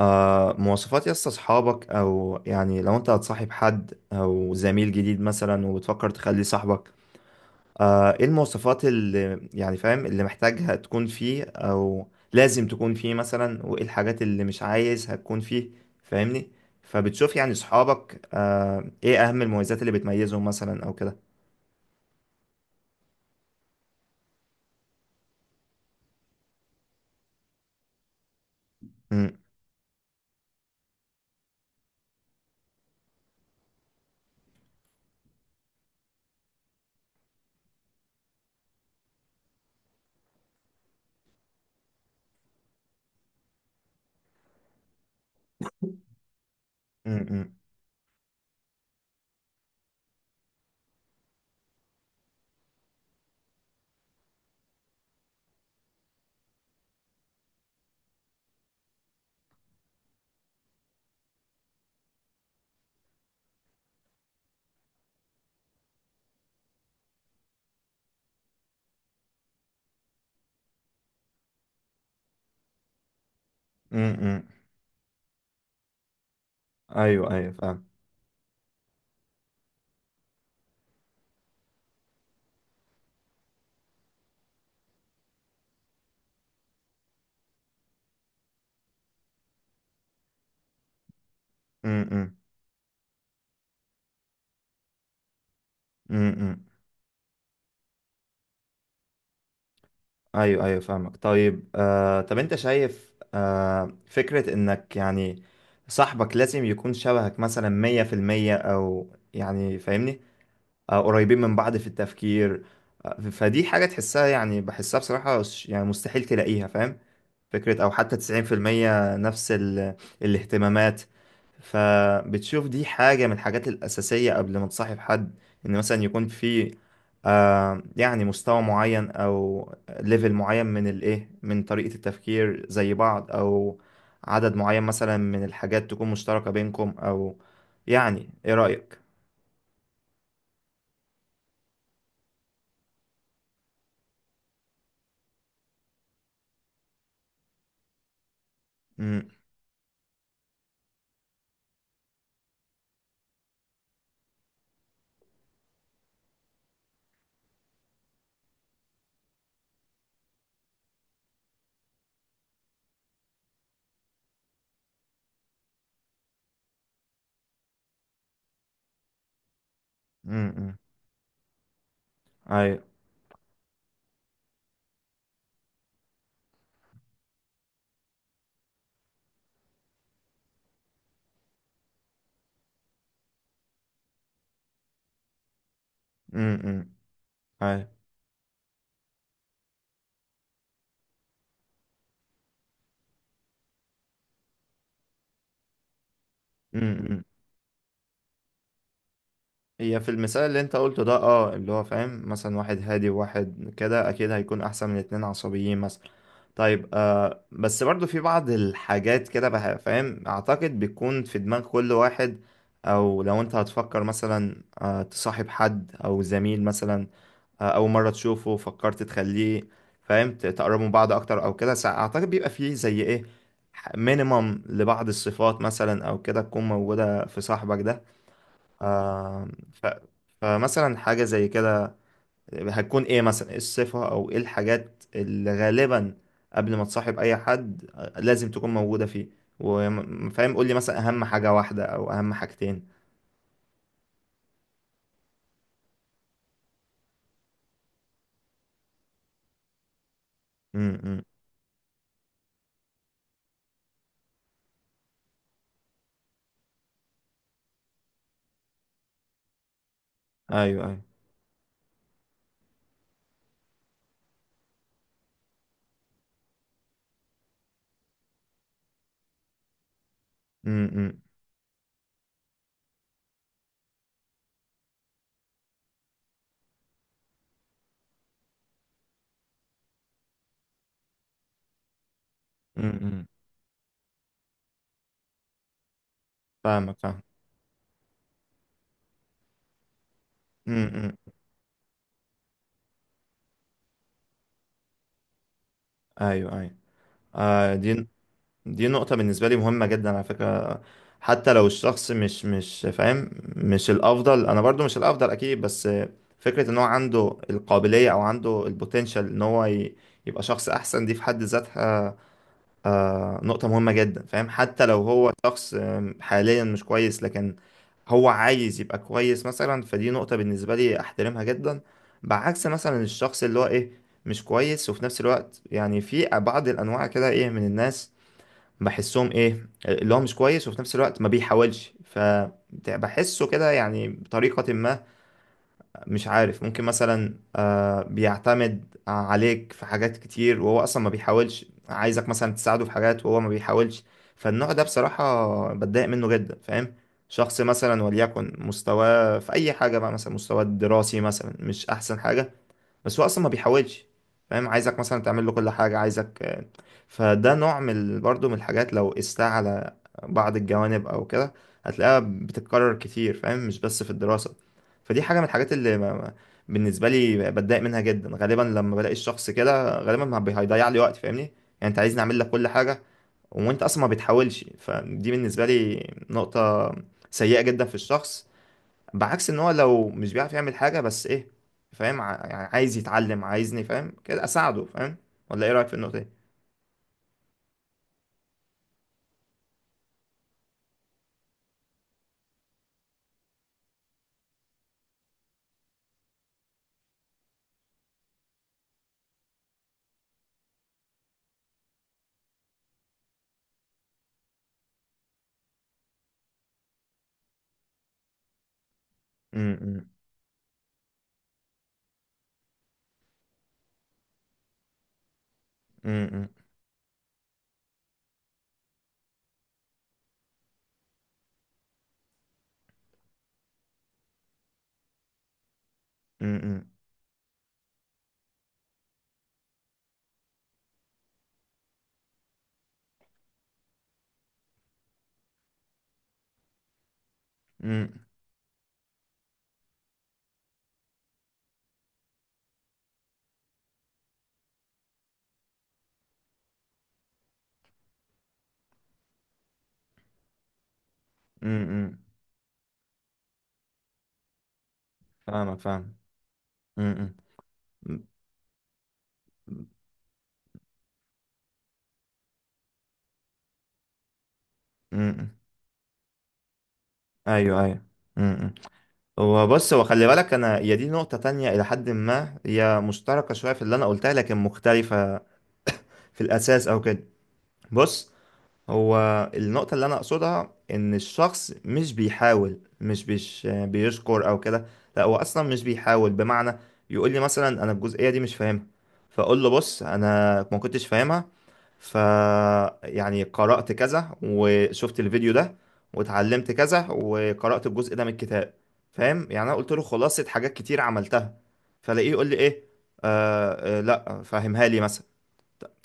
مواصفات يس اصحابك، او يعني لو انت هتصاحب حد او زميل جديد مثلا وبتفكر تخليه صاحبك. ايه المواصفات اللي يعني فاهم اللي محتاجها تكون فيه او لازم تكون فيه مثلا، وايه الحاجات اللي مش عايزها تكون فيه؟ فاهمني؟ فبتشوف يعني صحابك، ايه اهم المميزات اللي بتميزهم مثلا او كده؟ م-. م-. م-. م-. م. ايوه، ايوه، فاهم. م-. م-. م-. م. ايوه، ايوه، فاهمك. طيب، طب انت شايف، فكرة انك يعني صاحبك لازم يكون شبهك مثلا 100%، او يعني فاهمني؟ قريبين من بعض في التفكير. فدي حاجة تحسها، يعني بحسها بصراحة، يعني مستحيل تلاقيها، فاهم؟ فكرة أو حتى 90% نفس الاهتمامات. فبتشوف دي حاجة من الحاجات الأساسية قبل ما تصاحب حد، إن مثلا يكون في، يعني مستوى معين أو ليفل معين من من طريقة التفكير زي بعض، أو عدد معين مثلا من الحاجات تكون مشتركة بينكم، أو يعني إيه رأيك؟ أمم، أمم، أمم، أيوه. أمم، أمم، أيوه. م-. م. هي في المثال اللي انت قلته ده، اللي هو فاهم مثلا، واحد هادي وواحد كده اكيد هيكون احسن من اتنين عصبيين مثلا. طيب، بس برضو في بعض الحاجات كده بقى، فاهم، اعتقد بتكون في دماغ كل واحد، او لو انت هتفكر مثلا تصاحب حد او زميل مثلا، اول مرة تشوفه فكرت تخليه فاهم، تقربوا من بعض اكتر او كده، اعتقد بيبقى فيه زي ايه مينيمم لبعض الصفات مثلا او كده تكون موجودة في صاحبك ده. آه ف... فمثلا حاجة زي كده هتكون ايه مثلا، ايه الصفة او ايه الحاجات اللي غالبا قبل ما تصاحب اي حد لازم تكون موجودة فيه. وفاهم، قول لي مثلا اهم حاجة واحدة او اهم حاجتين. امم. ايوه، ايوه. امم. امم. فاهمك، فاهم. امم. ايوه، ايوه. آه دي دي نقطة بالنسبة لي مهمة جدا على فكرة. حتى لو الشخص مش فاهم، مش الأفضل، أنا برضو مش الأفضل أكيد، بس فكرة إن هو عنده القابلية أو عنده البوتنشال إن هو يبقى شخص أحسن، دي في حد ذاتها نقطة مهمة جدا، فاهم، حتى لو هو شخص حاليا مش كويس، لكن هو عايز يبقى كويس مثلا، فدي نقطة بالنسبة لي أحترمها جدا. بعكس مثلا الشخص اللي هو مش كويس، وفي نفس الوقت يعني في بعض الأنواع كده من الناس بحسهم اللي هو مش كويس وفي نفس الوقت ما بيحاولش، فبحسه كده يعني بطريقة ما، مش عارف، ممكن مثلا بيعتمد عليك في حاجات كتير وهو اصلا ما بيحاولش، عايزك مثلا تساعده في حاجات وهو ما بيحاولش. فالنوع ده بصراحة بتضايق منه جدا، فاهم؟ شخص مثلا وليكن مستواه في اي حاجة بقى، مثلا مستواه الدراسي مثلا مش احسن حاجة، بس هو اصلا ما بيحاولش، فاهم، عايزك مثلا تعمل له كل حاجه، عايزك فده نوع من برضه من الحاجات، لو قستها على بعض الجوانب او كده، هتلاقيها بتتكرر كتير، فاهم، مش بس في الدراسه. فدي حاجه من الحاجات اللي بالنسبه لي بتضايق منها جدا، غالبا لما بلاقي الشخص كده غالبا ما بي- هيضيع لي وقت، فاهمني يعني. انت عايزني اعمل لك كل حاجه وانت اصلا ما بتحاولش، فدي بالنسبه لي نقطه سيئه جدا في الشخص. بعكس ان هو لو مش بيعرف يعمل حاجة بس فاهم، يعني عايز يتعلم، عايزني فاهم كده اساعده، فاهم؟ ولا ايه رأيك في النقطة دي؟ أمم، أمم، أمم، أمم، أمم. فاهمك، فاهم. أمم، أمم، أمم. ايوه، ايوه. أمم. هو بص، هو خلي بالك، انا هي دي نقطة تانية الى حد ما هي مشتركة شوية في اللي انا قلتها، لكن مختلفة في الاساس او كده. بص، هو النقطة اللي أنا أقصدها إن الشخص مش بيحاول، مش بيش بيشكر أو كده. لا، هو أصلا مش بيحاول، بمعنى يقول لي مثلا أنا الجزئية دي مش فاهمها، فأقول له بص، أنا ما كنتش فاهمها، ف يعني قرأت كذا وشفت الفيديو ده واتعلمت كذا وقرأت الجزء ده من الكتاب، فاهم، يعني أنا قلت له خلاصة حاجات كتير عملتها. فلاقيه يقول لي إيه، لا، فاهمها لي مثلا،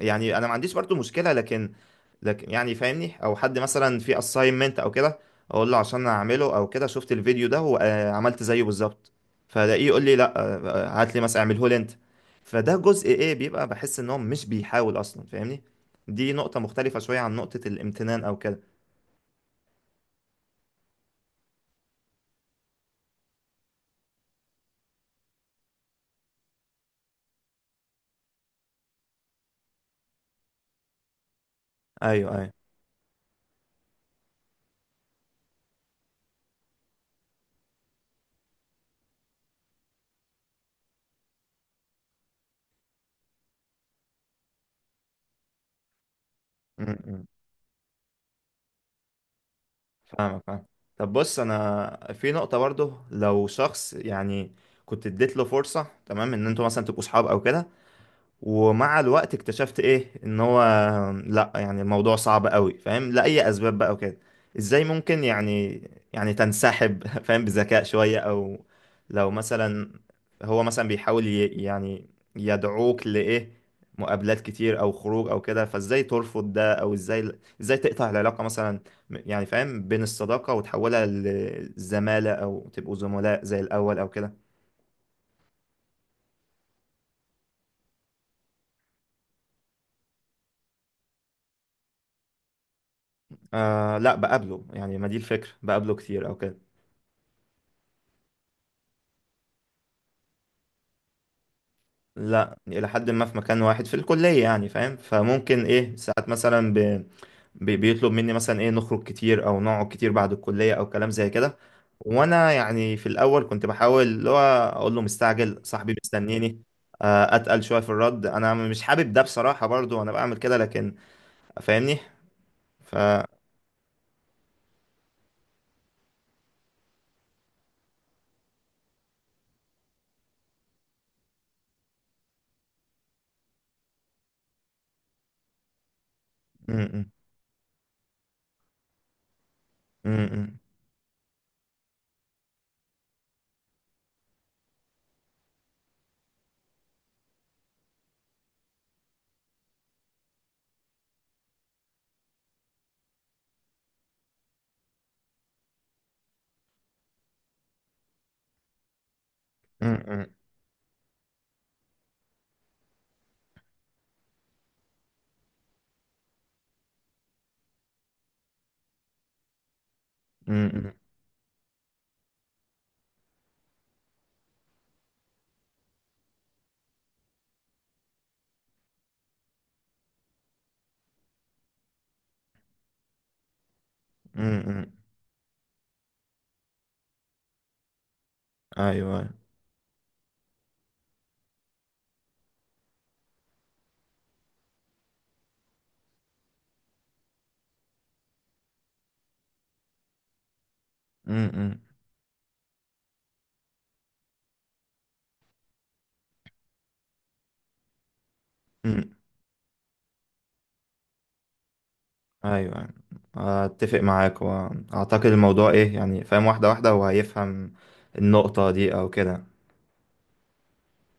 يعني انا ما عنديش برضو مشكله، لكن لكن يعني فاهمني، او حد مثلا في assignment او كده، اقول له عشان اعمله او كده، شفت الفيديو ده وعملت زيه بالظبط، فلاقيه يقول لي لا، هات لي مثلا اعمله لي انت. فده جزء بيبقى بحس ان هو مش بيحاول اصلا، فاهمني؟ دي نقطه مختلفه شويه عن نقطه الامتنان او كده. ايوه، ايوه. م-. م. فاهمك، فاهم. طب بص، انا في نقطه برضو، لو شخص يعني كنت اديت له فرصه، تمام، ان انتوا مثلا تبقوا صحاب او كده، ومع الوقت اكتشفت ان هو لا، يعني الموضوع صعب قوي، فاهم، لأي اسباب بقى وكده، ازاي ممكن يعني، يعني تنسحب فاهم، بذكاء شوية، او لو مثلا هو مثلا بيحاول يعني يدعوك لإيه مقابلات كتير او خروج او كده، فازاي ترفض ده، او ازاي تقطع العلاقة مثلا؟ يعني فاهم، بين الصداقة وتحولها لزمالة او تبقوا زملاء زي الاول او كده. لا، بقابله، يعني ما دي الفكرة، بقابله كتير او كده. لا، إلى حد ما في مكان واحد، في الكلية يعني، فاهم، فممكن ساعات مثلا بيطلب مني مثلا نخرج كتير أو نقعد كتير بعد الكلية أو كلام زي كده. وأنا يعني في الأول كنت بحاول اللي هو أقول له مستعجل، صاحبي مستنيني، أتقل شوية في الرد، أنا مش حابب ده بصراحة، برضو أنا بعمل كده، لكن فاهمني. م-. م-. م-. م-. م-. م-. م-. م-. م-. أيوه، أيوه. م-. م-. ايوه، اتفق معاك، واعتقد الموضوع يعني فاهم واحده واحده هو هيفهم النقطه دي او كده.